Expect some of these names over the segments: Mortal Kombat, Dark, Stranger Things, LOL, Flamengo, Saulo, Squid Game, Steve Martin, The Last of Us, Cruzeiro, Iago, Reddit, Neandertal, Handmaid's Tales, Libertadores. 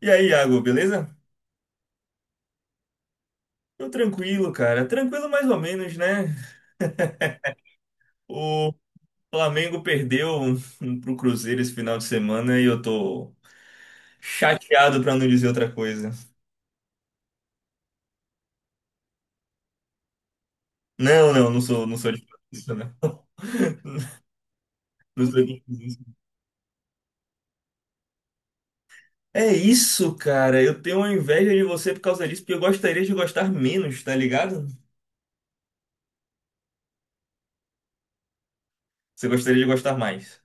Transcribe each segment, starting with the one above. E aí, Iago, beleza? Tô tranquilo, cara. Tranquilo mais ou menos, né? O Flamengo perdeu pro Cruzeiro esse final de semana e eu tô chateado pra não dizer outra coisa. Não, não, não sou de fazer isso, não. Não sou de fazer isso. É isso, cara. Eu tenho uma inveja de você por causa disso, porque eu gostaria de gostar menos, tá ligado? Você gostaria de gostar mais.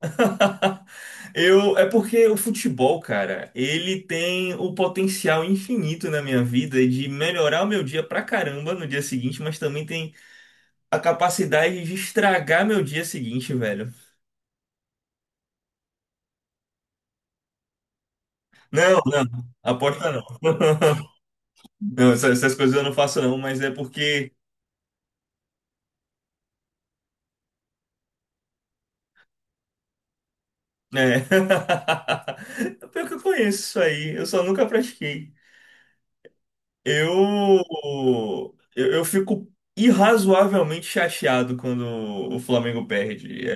É porque o futebol, cara, ele tem o potencial infinito na minha vida de melhorar o meu dia pra caramba no dia seguinte, mas também tem a capacidade de estragar meu dia seguinte, velho. Não, não, aposta não. Não, essas coisas eu não faço não, mas é porque, né? É. Pior que eu conheço isso aí, eu só nunca pratiquei. Eu, eu fico irrazoavelmente chateado quando o Flamengo perde. É,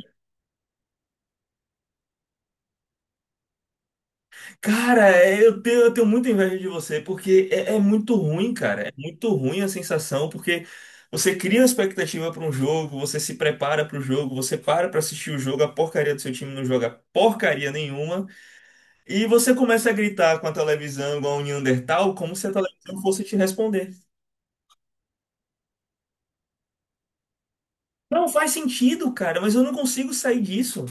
cara, é, eu tenho muita inveja de você, porque é, é muito ruim, cara. É muito ruim a sensação, porque você cria uma expectativa para um jogo, você se prepara para o jogo, você para para assistir o jogo, a porcaria do seu time não joga porcaria nenhuma, e você começa a gritar com a televisão igual um Neandertal, como se a televisão fosse te responder. Não faz sentido, cara, mas eu não consigo sair disso.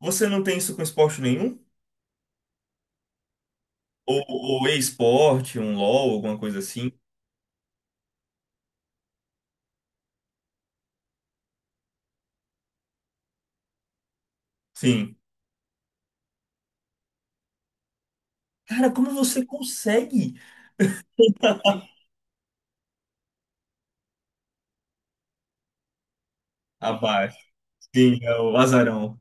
Você não tem isso com esporte nenhum? Ou, ou e-esporte, um LOL, alguma coisa assim? Sim. Cara, como você consegue? Abaixo. Sim, é o azarão.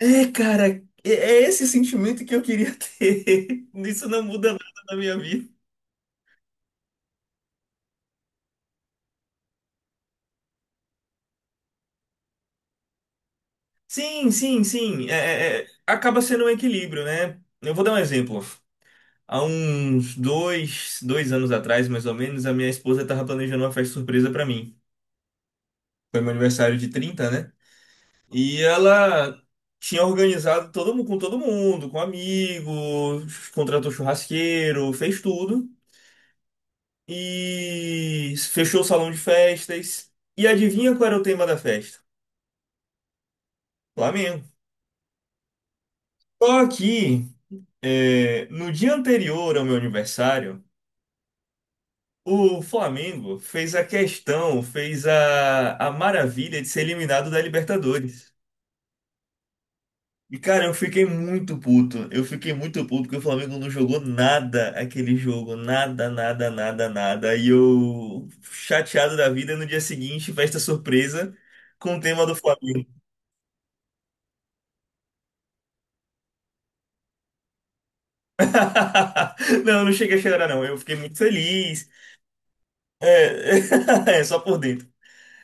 É, cara, é esse sentimento que eu queria ter. Isso não muda nada na minha vida. Sim. É, acaba sendo um equilíbrio, né? Eu vou dar um exemplo. Há uns dois anos atrás, mais ou menos, a minha esposa estava planejando uma festa surpresa para mim. Foi meu aniversário de 30, né? E ela tinha organizado todo mundo, com amigos, contratou churrasqueiro, fez tudo. E fechou o salão de festas. E adivinha qual era o tema da festa? Flamengo. Só que é, no dia anterior ao meu aniversário, o Flamengo fez a questão, fez a maravilha de ser eliminado da Libertadores. E, cara, eu fiquei muito puto. Eu fiquei muito puto porque o Flamengo não jogou nada aquele jogo. Nada. E eu, chateado da vida, no dia seguinte, festa surpresa com o tema do Flamengo. Não, eu não cheguei a chorar, não. Eu fiquei muito feliz. É, é, só por dentro.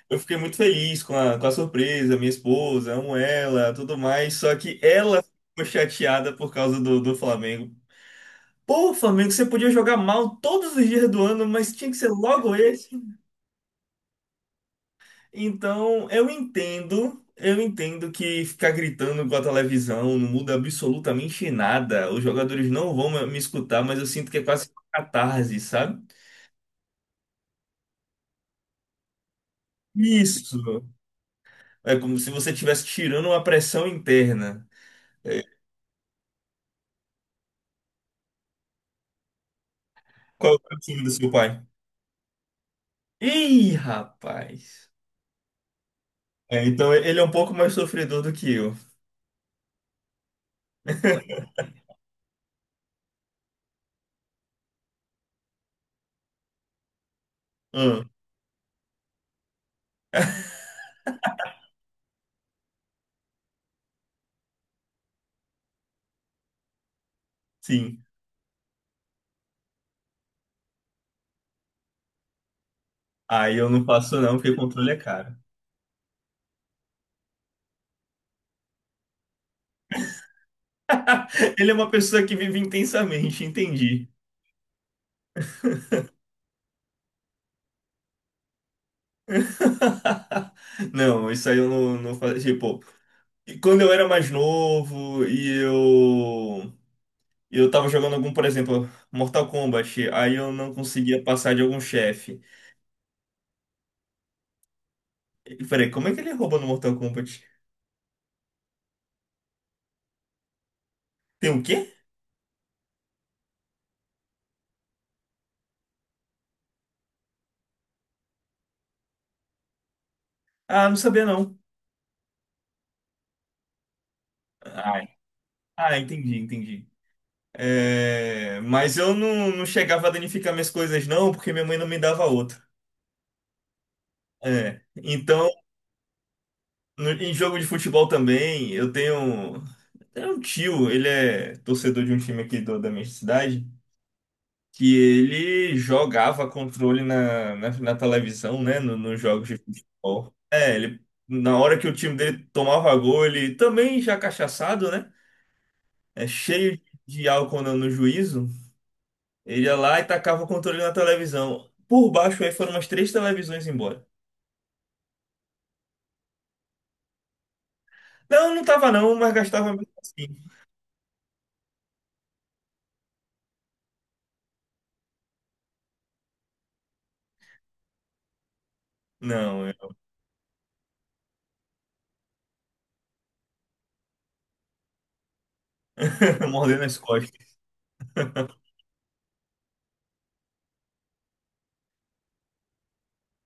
Eu fiquei muito feliz com a surpresa, minha esposa, amo ela, tudo mais. Só que ela ficou chateada por causa do, do Flamengo. Pô, Flamengo, você podia jogar mal todos os dias do ano, mas tinha que ser logo esse. Então, eu entendo que ficar gritando com a televisão não muda absolutamente nada. Os jogadores não vão me escutar, mas eu sinto que é quase uma catarse, sabe? Isso. É como se você estivesse tirando uma pressão interna. É, qual é o time do seu pai? Ih, rapaz. É, então, ele é um pouco mais sofredor do que eu. Ah, sim. Aí eu não faço não, porque controle é caro. Ele é uma pessoa que vive intensamente, entendi. Não, isso aí eu não, não fazia. Tipo, e quando eu era mais novo e eu. Eu tava jogando algum, por exemplo, Mortal Kombat, aí eu não conseguia passar de algum chefe. E peraí, como é que ele rouba no Mortal Kombat? Tem o quê? Ah, não sabia não. Ai. Ah, entendi. É, mas eu não, não chegava a danificar minhas coisas não, porque minha mãe não me dava outra. É. Então no- em jogo de futebol também, eu tenho um tio, ele é torcedor de um time aqui do- da minha cidade, que ele jogava controle na televisão, né, no- nos jogos de futebol. É, ele, na hora que o time dele tomava gol, ele também já cachaçado, né, é, cheio de álcool no, no juízo, ele ia lá e tacava o controle na televisão. Por baixo aí foram umas três televisões embora. Não, não tava não, mas gastava mesmo assim. Não, eu mordendo as costas.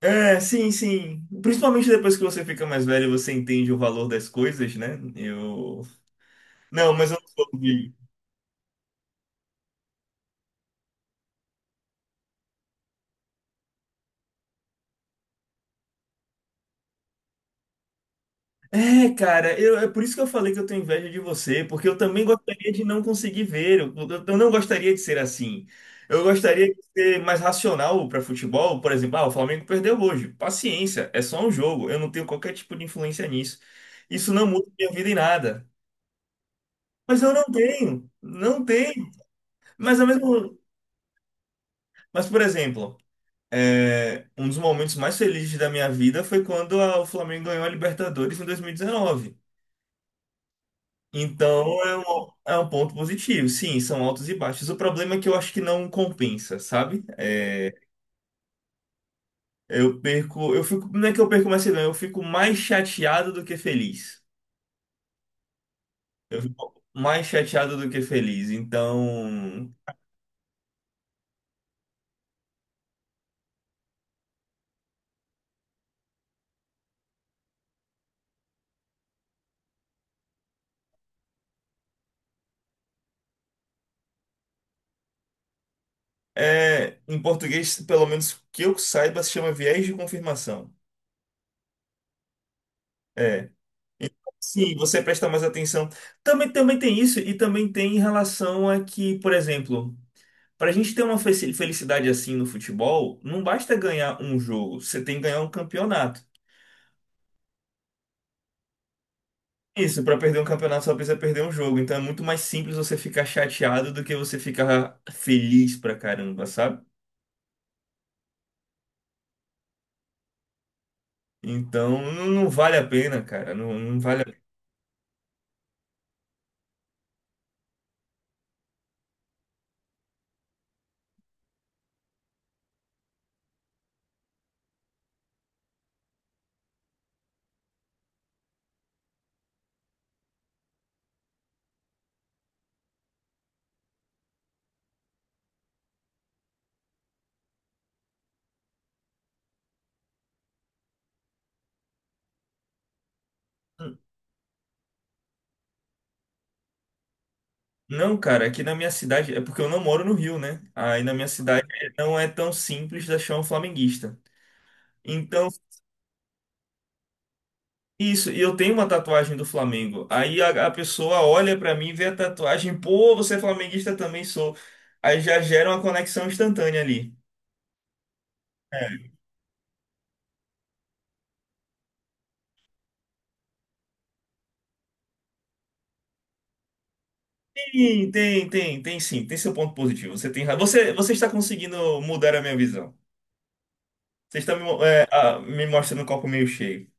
É, sim. Principalmente depois que você fica mais velho, você entende o valor das coisas, né? Eu. Não, mas eu não sou de. É, cara, eu, é por isso que eu falei que eu tenho inveja de você, porque eu também gostaria de não conseguir ver. Eu não gostaria de ser assim. Eu gostaria de ser mais racional para futebol, por exemplo, ah, o Flamengo perdeu hoje. Paciência, é só um jogo. Eu não tenho qualquer tipo de influência nisso. Isso não muda minha vida em nada. Mas eu não tenho, não tenho. Mas ao mesmo, mas por exemplo. É, um dos momentos mais felizes da minha vida foi quando a- o Flamengo ganhou a Libertadores em 2019. Então é um ponto positivo. Sim, são altos e baixos. O problema é que eu acho que não compensa, sabe? É, eu perco, eu fico, não é que eu perco mais que eu ganho, eu fico mais chateado do que feliz. Eu fico mais chateado do que feliz. Então, é, em português, pelo menos que eu saiba, se chama viés de confirmação. É. Sim, você presta mais atenção. Também tem isso, e também tem em relação a que, por exemplo, para a gente ter uma fe- felicidade assim no futebol, não basta ganhar um jogo, você tem que ganhar um campeonato. Isso, para perder um campeonato só precisa perder um jogo, então é muito mais simples você ficar chateado do que você ficar feliz pra caramba, sabe? Então não, não vale a pena, cara, não, não vale a pena. Não, cara, aqui na minha cidade, é porque eu não moro no Rio, né? Aí na minha cidade ah, não é tão simples achar um flamenguista. Então, isso, e eu tenho uma tatuagem do Flamengo. Aí a pessoa olha pra mim, vê a tatuagem, pô, você é flamenguista também sou. Aí já gera uma conexão instantânea ali. É. Tem sim, tem seu ponto positivo. Você tem razão. Você, você está conseguindo mudar a minha visão. Você está me, mo- é, ah, me mostrando o copo meio cheio.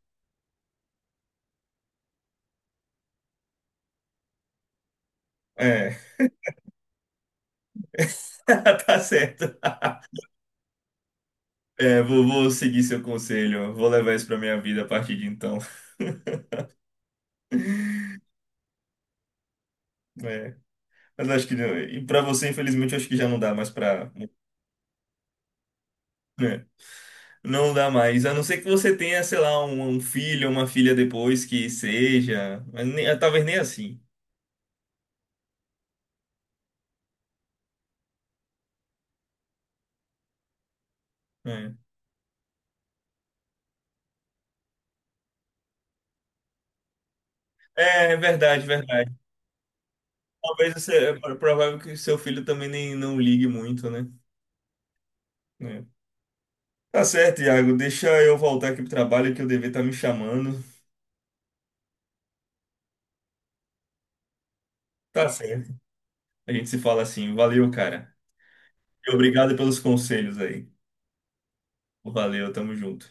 É, tá certo. É, vou seguir seu conselho, vou levar isso pra minha vida a partir de então. É, mas acho que não, e para você, infelizmente, eu acho que já não dá mais pra. Né, não dá mais, a não ser que você tenha, sei lá, um filho, uma filha depois que seja, mas nem- é, talvez nem assim. Né. É, é verdade, verdade. Talvez você, é pro- provável que seu filho também nem não ligue muito, né? É. Tá certo, Iago, deixa eu voltar aqui pro trabalho que o dever tá me chamando. Tá certo. A gente se fala assim, valeu, cara. E obrigado pelos conselhos aí. Valeu, tamo junto.